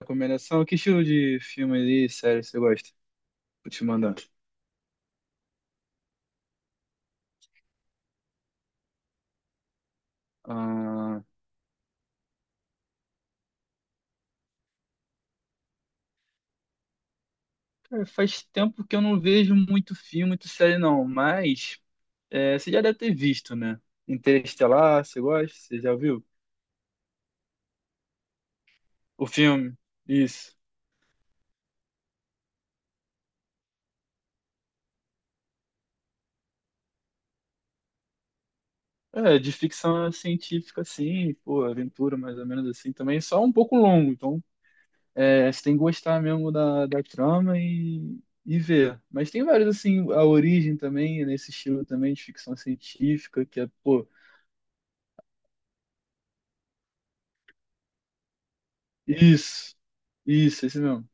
Recomendação? Que estilo de filme e série você gosta? Vou te mandar. Ah, cara, faz tempo que eu não vejo muito filme, muito série, não. Mas é, você já deve ter visto, né? Interestelar, você gosta? Você já viu? O filme? Isso. É, de ficção científica, assim, pô, aventura mais ou menos assim também. Só um pouco longo, então é, você tem que gostar mesmo da trama e ver. Mas tem vários, assim, a origem também, nesse estilo também de ficção científica, que é, pô. Isso, isso, esse mesmo.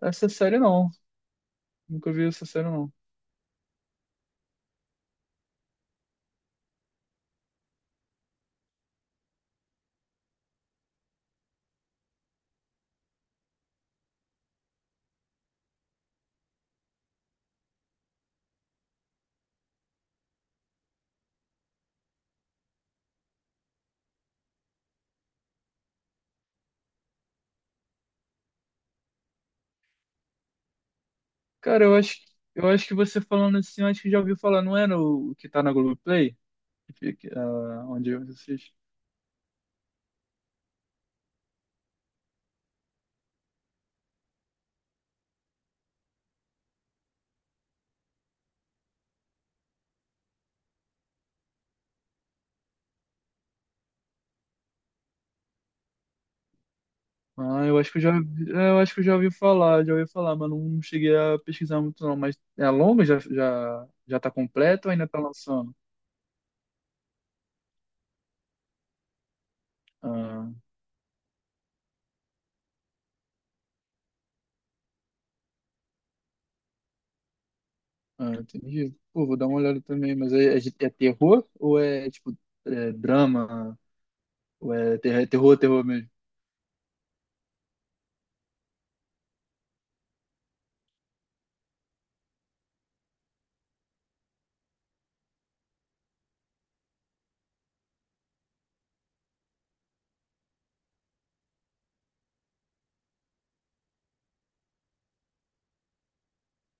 Essa série não. Nunca vi essa série não. Cara, eu acho que você falando assim, eu acho que já ouviu falar, não é no, o que tá na Globoplay? Que fica, ah, onde eu assisto? Ah, eu acho que eu já, é, eu acho que eu já ouvi falar, mas não cheguei a pesquisar muito não. Mas é longa? Já, já, já tá completo ou ainda tá lançando? Ah, ah, entendi. Pô, vou dar uma olhada também, mas é, é, de- é terror ou é tipo é drama? Ou é ter- é terror, terror mesmo?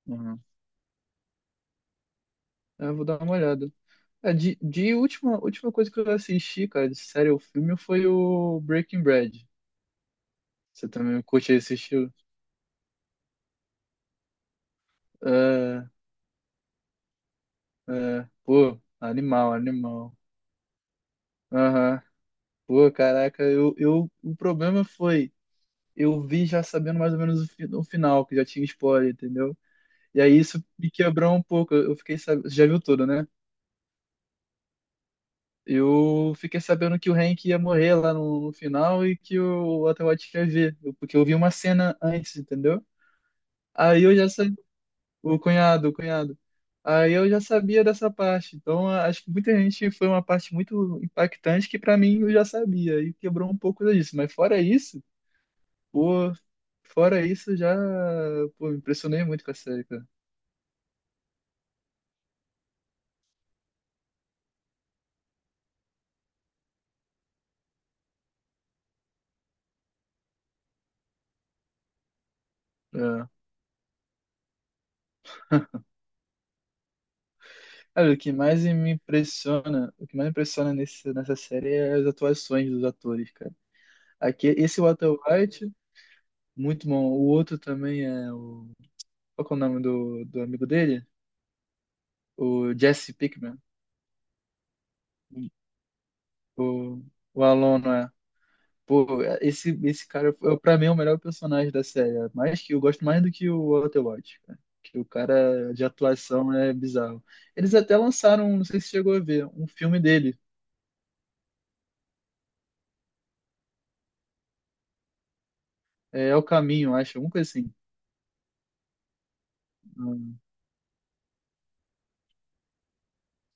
Uhum. Eu vou dar uma olhada. É, de última, última coisa que eu assisti, cara, de série ou filme, foi o Breaking Bad. Você também curte esse estilo? É, é, pô, animal, animal. Aham. Pô, caraca, eu, o problema foi, eu vi já sabendo mais ou menos o, fi- o final, que já tinha spoiler, entendeu? E aí isso me quebrou um pouco. Eu fiquei sabendo, já viu tudo, né? Eu fiquei sabendo que o Hank ia morrer lá no, no final e que o Walter White ia ver, eu- porque eu vi uma cena antes, entendeu? Aí eu já sabia, o cunhado, o cunhado. Aí eu já sabia dessa parte. Então, a- acho que muita gente foi uma parte muito impactante que pra mim eu já sabia e quebrou um pouco disso. Mas fora isso, pô, fora isso já, pô, me impressionei muito com a série, cara. É. Cara, o que mais me impressiona, o que mais me impressiona nesse, nessa série é as atuações dos atores, cara. Aqui, esse Walter White, muito bom. O outro também é o, qual que é o nome do, do amigo dele? O Jesse Pinkman. O, o aluno é. Pô, esse cara, é, pra mim, é o melhor personagem da série. É mais que eu gosto mais do que o Walter cara. Que o cara de atuação é bizarro. Eles até lançaram, não sei se chegou a ver, um filme dele. É, é o Caminho, acho, alguma coisa assim.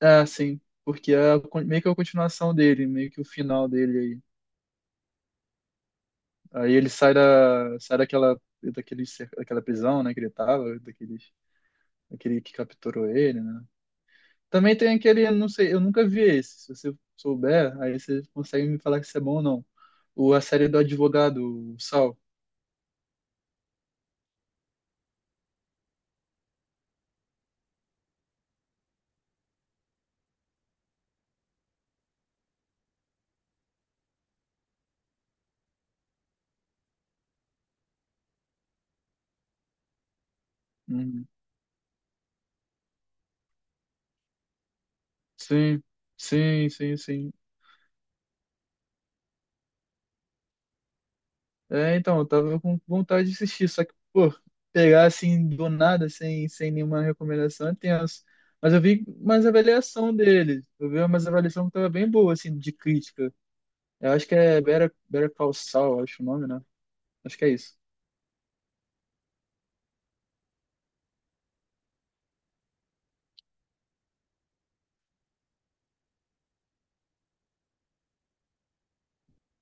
Ah, ah, sim. Porque é a con- meio que a continuação dele, meio que o final dele aí. Aí ele sai da, sai daquela, daquele, cer- daquela prisão, né, que ele tava, daquele, daquele que capturou ele, né? Também tem aquele, não sei, eu nunca vi esse. Se você souber, aí você consegue me falar se é bom ou não. O, a série do advogado, o Sal. Uhum. Sim, sim, sim, sim. É, então, eu tava com vontade de assistir, só que, pô, pegar assim do nada, sem, sem nenhuma recomendação, é tenso. Mas eu vi umas avaliação dele. Eu vi umas avaliação que tava bem boa, assim, de crítica. Eu acho que é Better, Better Call Saul, acho o nome, né? Acho que é isso.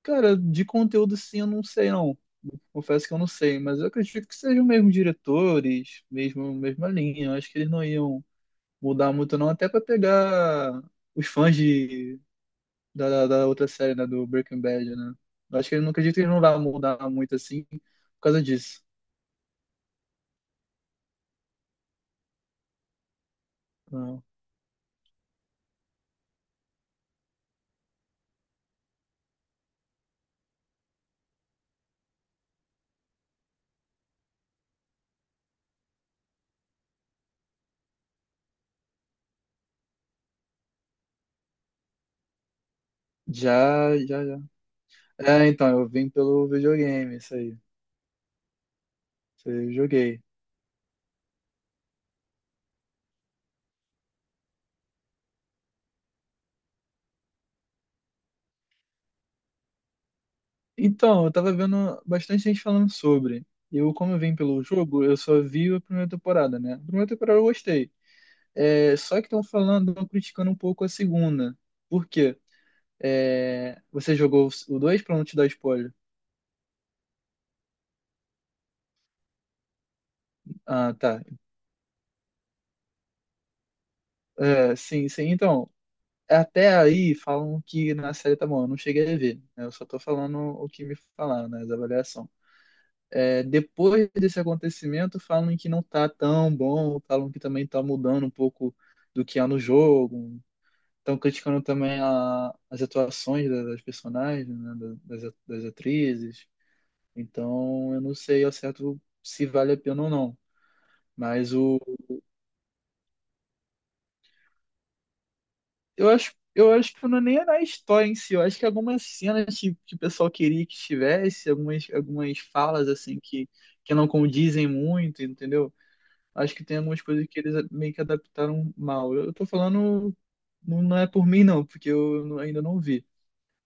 Cara, de conteúdo, sim, eu não sei, não. Confesso que eu não sei, mas eu acredito que sejam mesmo diretores, mesmo mesma linha. Eu acho que eles não iam mudar muito não, até para pegar os fãs de, da da outra série, né, do Breaking Bad, né? Eu acho que eu não acredito que eles não vão mudar muito assim por causa disso. Não. Já, já, já. É, então, eu vim pelo videogame, isso aí. Isso aí eu joguei. Então, eu tava vendo bastante gente falando sobre. Eu, como eu vim pelo jogo, eu só vi a primeira temporada, né? A primeira temporada eu gostei. É, só que estão falando, estão criticando um pouco a segunda. Por quê? É, você jogou o 2 para não te dar spoiler? Ah, tá. É, sim, sim. Então, até aí falam que na série tá bom, eu não cheguei a ver, né? Eu só tô falando o que me falaram, né? As avaliações. É, depois desse acontecimento, falam que não tá tão bom, falam que também tá mudando um pouco do que há no jogo. Estão criticando também a- as atuações da- das personagens, né? Da- Das, das atrizes. Então, eu não sei ao certo se vale a pena ou não. Mas o. Eu acho que não é nem na história em si. Eu acho que algumas cenas que o pessoal queria que tivesse, algumas, algumas falas assim que não condizem muito, entendeu? Acho que tem algumas coisas que eles meio que adaptaram mal. Eu tô falando, não não é por mim, não, porque eu não- ainda não vi.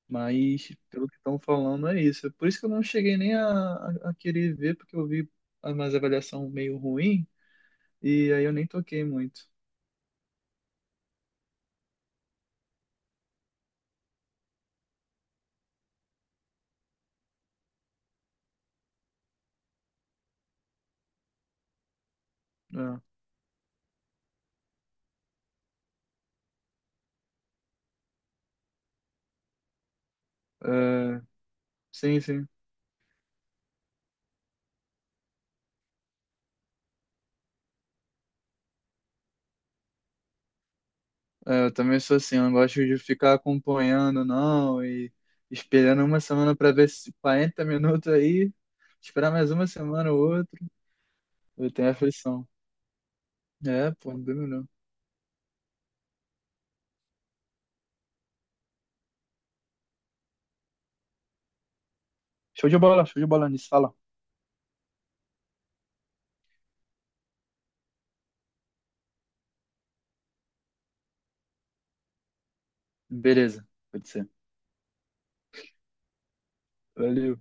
Mas pelo que estão falando é isso. Por isso que eu não cheguei nem a querer ver, porque eu vi mais avaliação meio ruim. E aí eu nem toquei muito. É, é, sim, sim. É, eu também sou assim, eu não gosto de ficar acompanhando, não, e esperando uma semana para ver se 40 minutos aí, esperar mais uma semana ou outra. Eu tenho aflição. É, pô, bem melhor. Show de bola nisso, fala. Beleza, pode ser. Valeu.